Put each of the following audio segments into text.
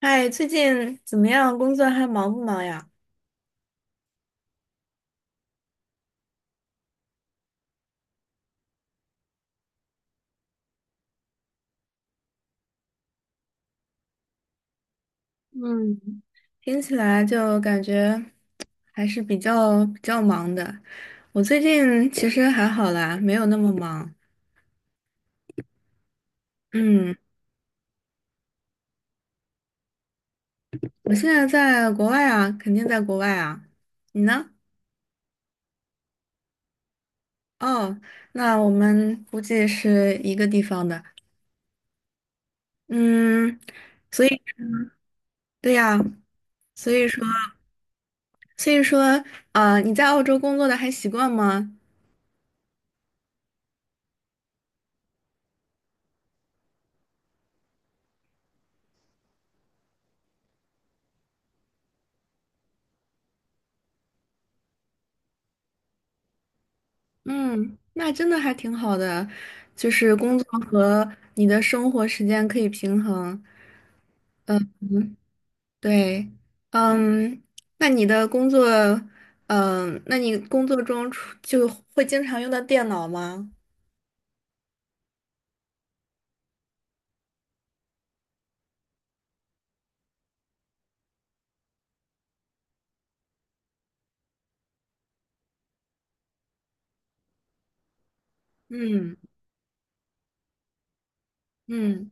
嗨，最近怎么样？工作还忙不忙呀？嗯，听起来就感觉还是比较忙的。我最近其实还好啦，没有那么忙。嗯，我现在在国外啊，肯定在国外啊。你呢？哦，那我们估计是一个地方的。嗯，所以对呀，所以说，所以说，啊，你在澳洲工作的还习惯吗？嗯，那真的还挺好的，就是工作和你的生活时间可以平衡。对，嗯，那你的工作，嗯，那你工作中出就会经常用到电脑吗？嗯。嗯。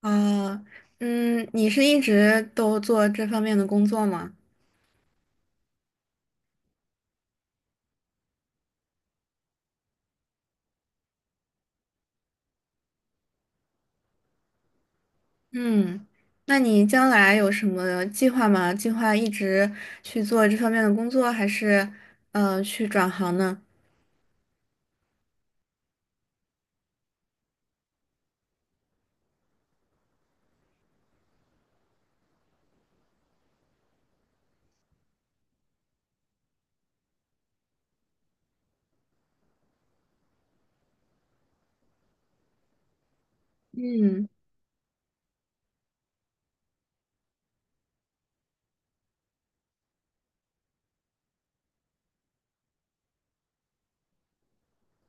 啊，嗯，你是一直都做这方面的工作吗？嗯，那你将来有什么计划吗？计划一直去做这方面的工作，还是去转行呢？嗯。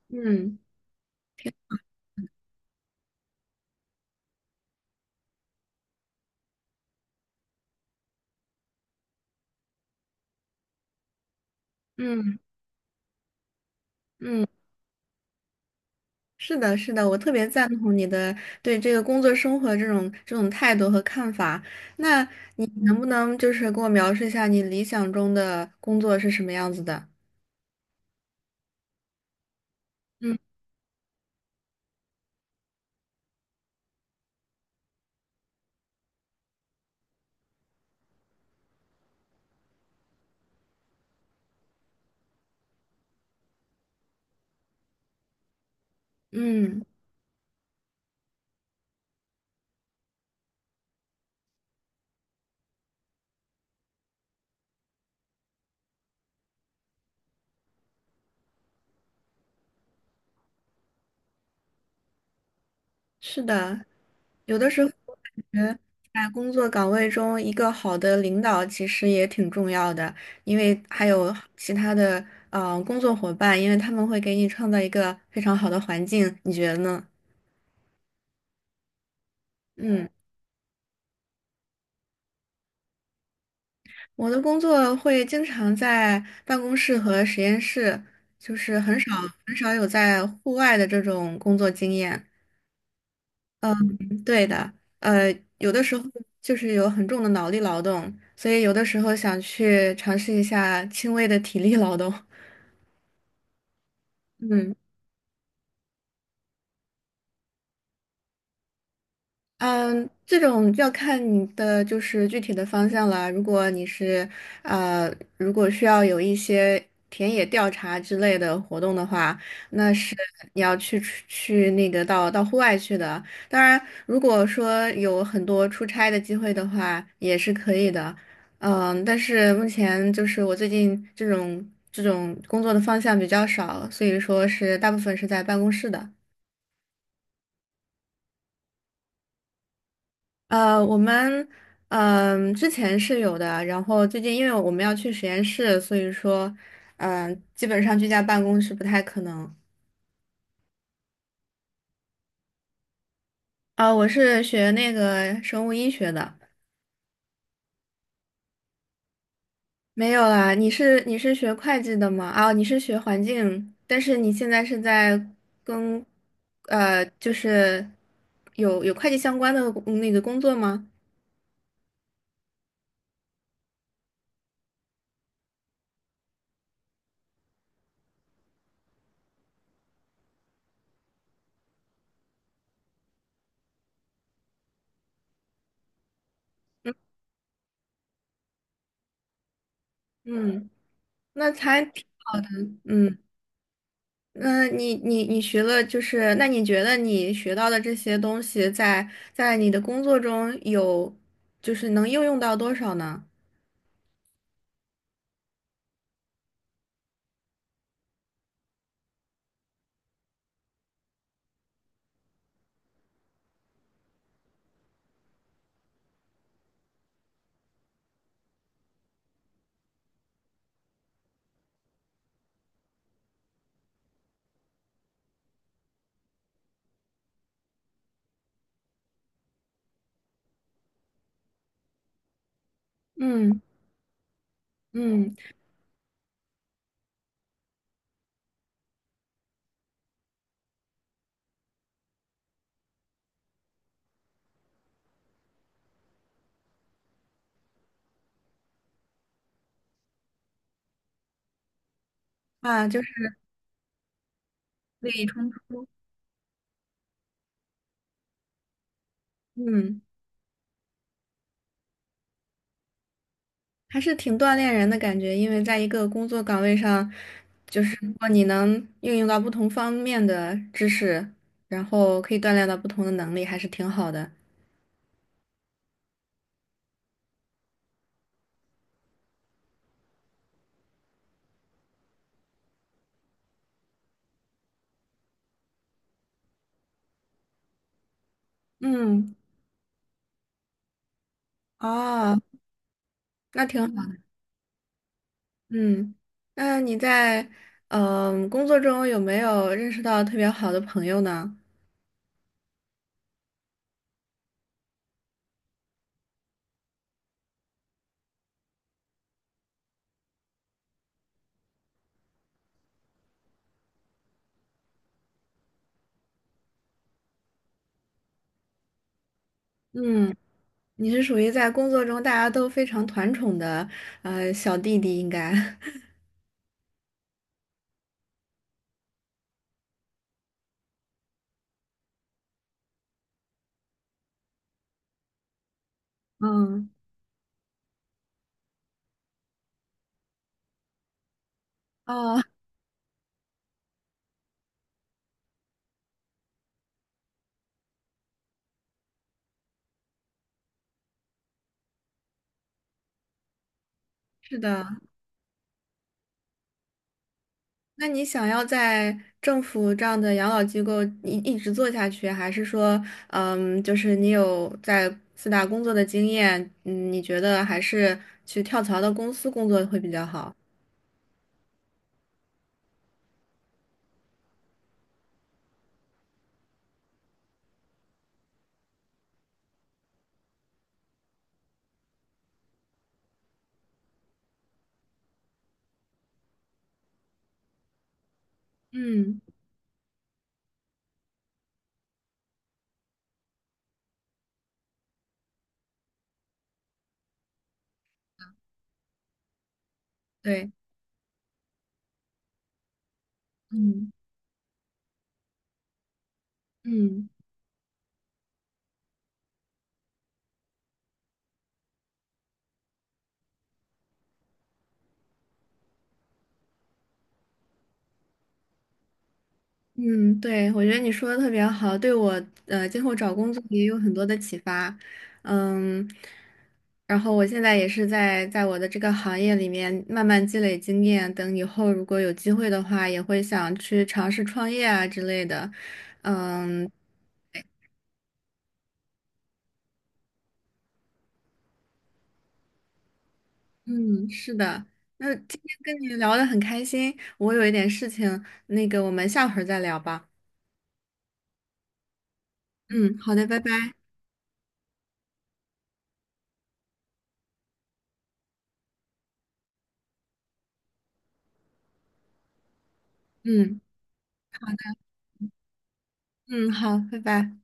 嗯。嗯。嗯，是的，是的，我特别赞同你的对这个工作生活这种态度和看法。那你能不能就是给我描述一下你理想中的工作是什么样子的？嗯。嗯，是的，有的时候我感觉在工作岗位中，一个好的领导其实也挺重要的，因为还有其他的工作伙伴，因为他们会给你创造一个非常好的环境，你觉得呢？嗯。我的工作会经常在办公室和实验室，就是很少有在户外的这种工作经验。嗯，对的，呃，有的时候就是有很重的脑力劳动，所以有的时候想去尝试一下轻微的体力劳动。嗯。嗯，这种就要看你的就是具体的方向了。如果你是呃，如果需要有一些田野调查之类的活动的话，那是你要去出去那个到户外去的。当然，如果说有很多出差的机会的话，也是可以的。嗯，但是目前就是我最近这种工作的方向比较少，所以说是大部分是在办公室的。呃，我们嗯、之前是有的，然后最近因为我们要去实验室，所以说嗯、基本上居家办公是不太可能。啊、我是学那个生物医学的，没有啦。你是学会计的吗？啊、你是学环境，但是你现在是在跟就是有会计相关的那个工作吗？嗯，那才嗯。那你学了，就是那你觉得你学到的这些东西在，在你的工作中有，就是能应用到多少呢？嗯。嗯，啊，就是利益冲突，嗯，还是挺锻炼人的感觉，因为在一个工作岗位上，就是如果你能应用到不同方面的知识，然后可以锻炼到不同的能力，还是挺好的。嗯，啊，那挺好。嗯，那你在嗯、工作中有没有认识到特别好的朋友呢？嗯，你是属于在工作中大家都非常团宠的小弟弟，应该。嗯，哦，是的。那你想要在政府这样的养老机构一直做下去，还是说，嗯，就是你有在四大工作的经验，嗯，你觉得还是去跳槽到公司工作会比较好？嗯，对，嗯。嗯。嗯，对，我觉得你说的特别好，对我今后找工作也有很多的启发。嗯，然后我现在也是在我的这个行业里面慢慢积累经验，等以后如果有机会的话，也会想去尝试创业啊之类的。嗯。嗯，是的。那今天跟你聊得很开心，我有一点事情，那个我们下回儿再聊吧。嗯，好的，拜拜。嗯好的，嗯，好，拜拜。